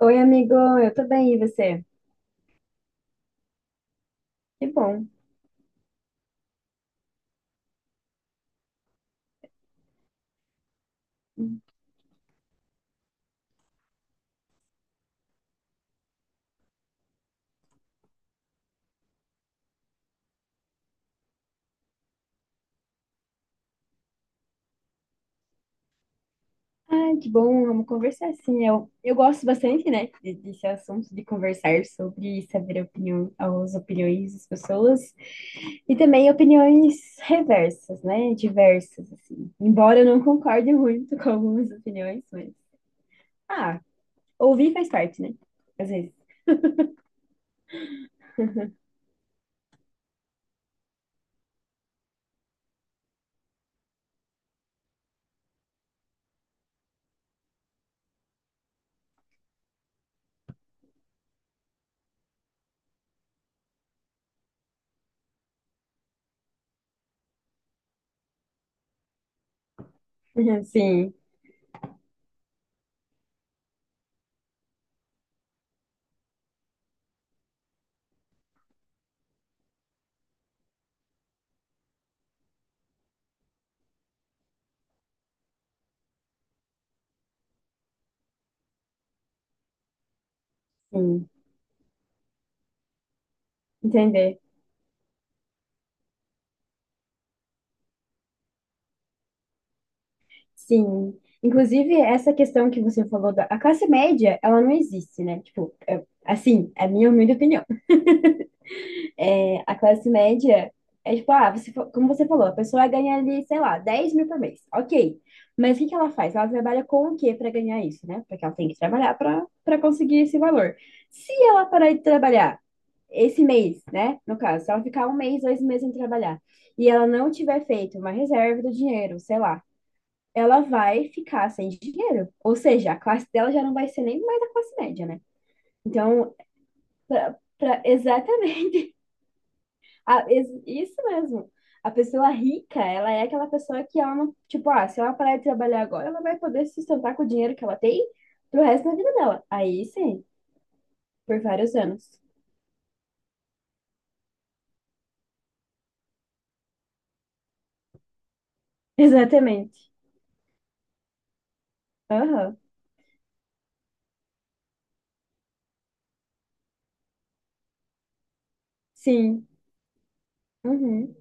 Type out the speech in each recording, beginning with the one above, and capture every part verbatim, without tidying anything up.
Oi, amigo, eu tô bem, e você? Que bom. Ah, que bom, vamos conversar, sim. Eu, eu gosto bastante, né, de- desse assunto, de conversar sobre saber a opinião, as opiniões das pessoas e também opiniões reversas, né, diversas, assim. Embora eu não concorde muito com algumas opiniões, mas, ah, ouvir faz parte, né, às vezes. Sim, sim, entender. Sim. Inclusive, essa questão que você falou da a classe média, ela não existe, né? Tipo, é- assim, é a minha humilde opinião. É, a classe média é tipo, ah, você, fa- como você falou, a pessoa ganha ali, sei lá, dez mil por mês. Ok. Mas o que que ela faz? Ela trabalha com o quê para ganhar isso, né? Porque ela tem que trabalhar para para conseguir esse valor. Se ela parar de trabalhar esse mês, né? No caso, se ela ficar um mês, dois meses sem trabalhar, e ela não tiver feito uma reserva do dinheiro, sei lá, ela vai ficar sem dinheiro. Ou seja, a classe dela já não vai ser nem mais a classe média, né? Então, pra, pra- exatamente, a- ex- isso mesmo. A pessoa rica, ela é aquela pessoa que ela não, tipo, ah, se ela parar de trabalhar agora, ela vai poder se sustentar com o dinheiro que ela tem pro resto da vida dela. Aí sim, por vários anos. Exatamente. Aham. Sim. Uhum.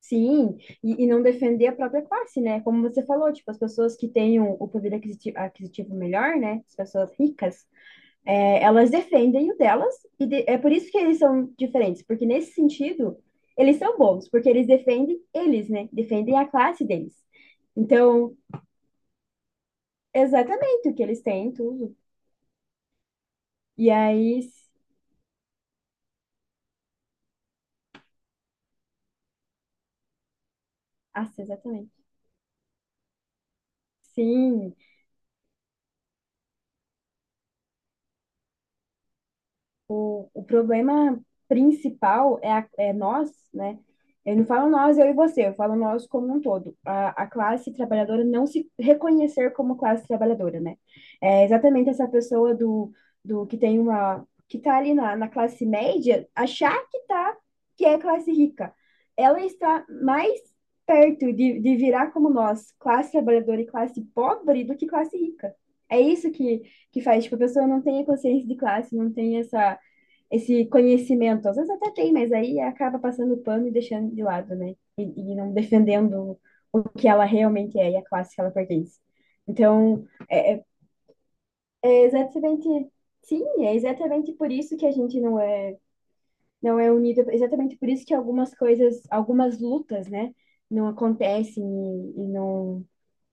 Sim, e, e não defender a própria classe, né? Como você falou, tipo, as pessoas que têm um- o poder aquisitivo, aquisitivo melhor, né? As pessoas ricas, é, elas defendem o delas, e de- é por isso que eles são diferentes, porque nesse sentido, eles são bons, porque eles defendem eles, né? Defendem a classe deles. Então, exatamente o que eles têm, tudo. E aí, s- nossa, exatamente. Sim, O, o problema principal é, a- é nós, né? Eu não falo nós, eu e você, eu falo nós como um todo. A, a classe trabalhadora não se reconhecer como classe trabalhadora, né? É exatamente essa pessoa do, do que tem uma, que tá ali na, na classe média, achar que tá, que é classe rica. Ela está mais perto de, de virar como nós, classe trabalhadora e classe pobre, do que classe rica. É isso que, que faz, tipo, a pessoa não tem a consciência de classe, não tem essa esse conhecimento. Às vezes até tem, mas aí acaba passando pano e deixando de lado, né? E, e não defendendo o que ela realmente é e a classe que ela pertence. Então, é, é é exatamente. Sim, é exatamente por isso que a gente não é, não é unido, é exatamente por isso que algumas coisas, algumas lutas, né, não acontecem e, e não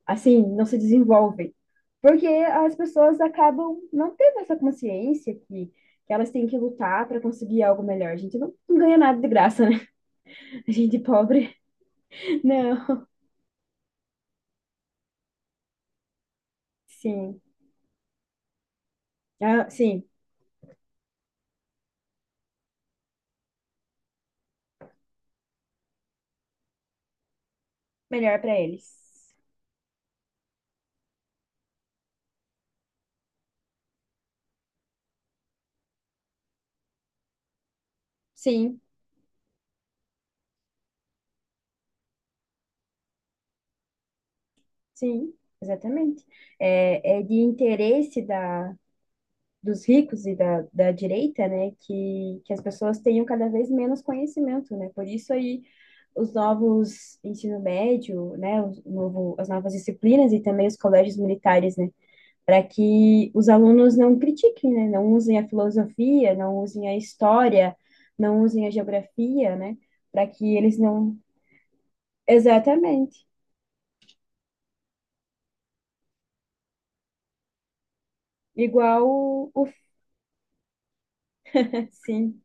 assim, não se desenvolvem. Porque as pessoas acabam não tendo essa consciência que, que elas têm que lutar para conseguir algo melhor. A gente não, não ganha nada de graça, né? A gente pobre, não. Sim, ah, sim, melhor para eles. Sim, sim, exatamente. É, é de interesse da, dos ricos e da, da, direita, né, que, que as pessoas tenham cada vez menos conhecimento, né? Por isso aí os novos ensino médio, né, o novo, as novas disciplinas e também os colégios militares, né, para que os alunos não critiquem, né, não usem a filosofia, não usem a história, não usem a geografia, né, para que eles não... Exatamente. Igual o... Sim.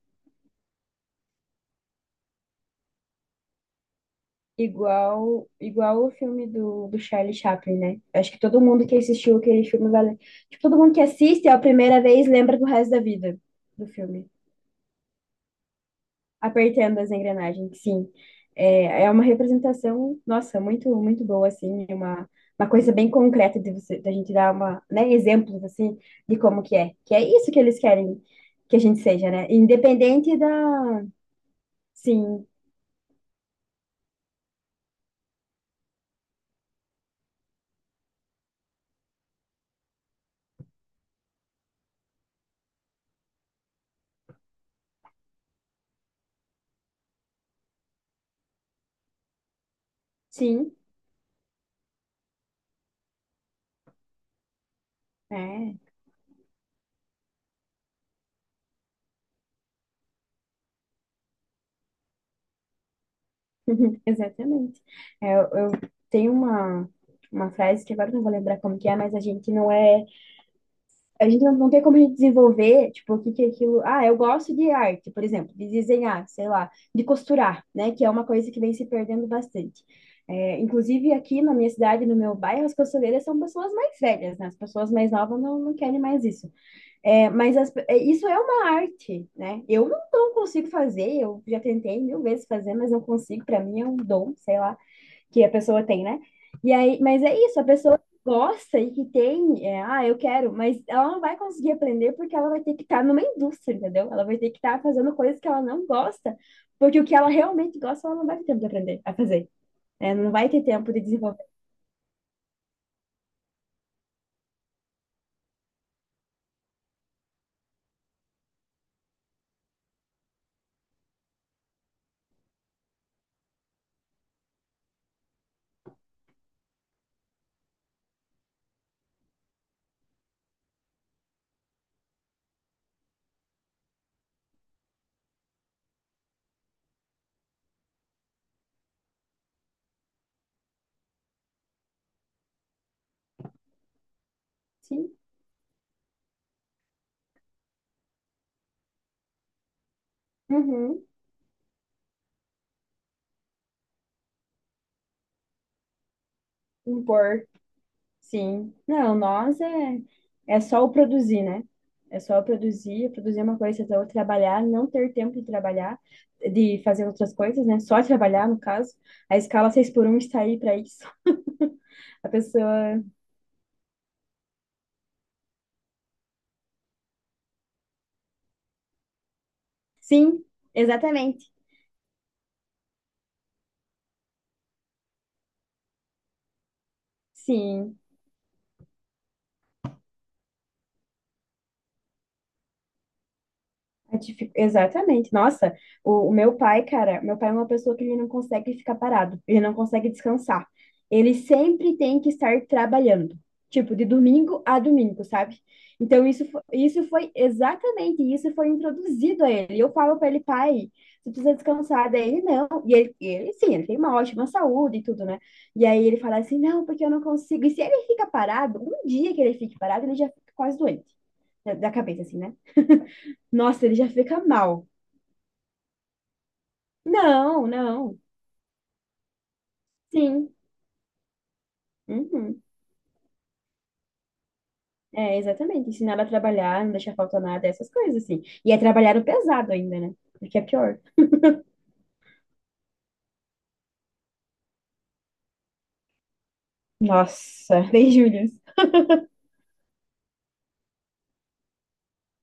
Igual, igual o filme do, do Charlie Chaplin, né? Acho que todo mundo que assistiu aquele filme vai. lem- Tipo, todo mundo que assiste a primeira vez lembra do resto da vida do filme. Apertando as engrenagens, sim. É, é uma representação, nossa, muito, muito boa, assim. É Uma, uma coisa bem concreta de você, da gente dar uma, né, exemplos, assim, de como que é. Que é isso que eles querem que a gente seja, né? Independente da. Sim, sim. É. Uhum, exatamente. É, eu, eu tenho uma, uma frase que agora eu não vou lembrar como que é, mas a gente não é, a gente não, não tem como a gente desenvolver, tipo, o que que é aquilo, ah, eu gosto de arte, por exemplo, de desenhar, sei lá, de costurar, né, que é uma coisa que vem se perdendo bastante. É, inclusive aqui na minha cidade, no meu bairro, as costureiras são pessoas mais velhas, né? As pessoas mais novas não, não querem mais isso. É, mas as- é, isso é uma arte, né? Eu não, não consigo fazer, eu já tentei mil vezes fazer, mas não consigo, para mim é um dom, sei lá que a pessoa tem, né? E aí, mas é isso, a pessoa que gosta e que tem, é, ah, eu quero, mas ela não vai conseguir aprender porque ela vai ter que estar numa indústria, entendeu? Ela vai ter que estar fazendo coisas que ela não gosta, porque o que ela realmente gosta, ela não vai ter tempo de aprender a fazer, né? Não vai ter tempo de desenvolver, sim, uhum, impor. Sim. Não, nós é, é só o produzir, né? É só o produzir, produzir é uma coisa, então trabalhar, não ter tempo de trabalhar, de fazer outras coisas, né? Só trabalhar, no caso. A escala seis por um está aí para isso. A pessoa. Sim, exatamente. Sim. É difí- Exatamente. Nossa, o, o meu pai, cara, meu pai é uma pessoa que ele não consegue ficar parado, ele não consegue descansar. Ele sempre tem que estar trabalhando, tipo, de domingo a domingo, sabe? Então, isso, fo- isso foi exatamente, isso foi introduzido a ele. E eu falo para ele, pai, você precisa descansar. Daí ele, não. E ele, e ele, sim, ele tem uma ótima saúde e tudo, né? E aí ele fala assim, não, porque eu não consigo. E se ele fica parado, um dia que ele fique parado, ele já fica quase doente da da cabeça, assim, né? Nossa, ele já fica mal. Não, não. Sim. Uhum. É, exatamente. Ensinar a trabalhar, não deixar faltar nada, essas coisas, assim. E é trabalhar o pesado ainda, né? Porque é pior. Nossa, bem, Július.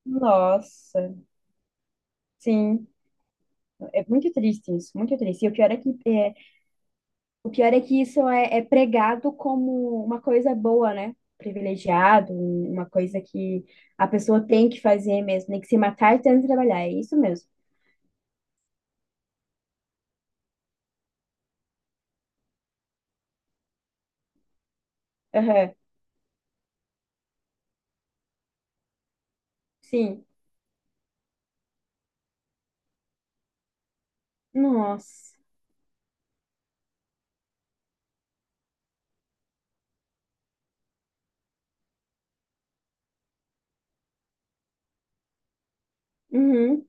Nossa, sim. É muito triste isso, muito triste. E o pior é que, é, o pior é que isso é, é pregado como uma coisa boa, né? Privilegiado, um- uma coisa que a pessoa tem que fazer mesmo, tem que se matar e tem que trabalhar. É isso mesmo. Aham, sim. Nossa. Uhum.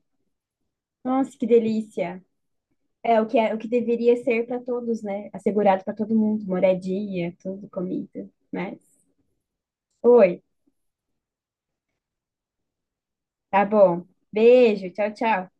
Nossa, que delícia. É o que é, o que deveria ser para todos, né? Assegurado para todo mundo, moradia, tudo, comida, mas. Oi, tá bom. Beijo, tchau, tchau.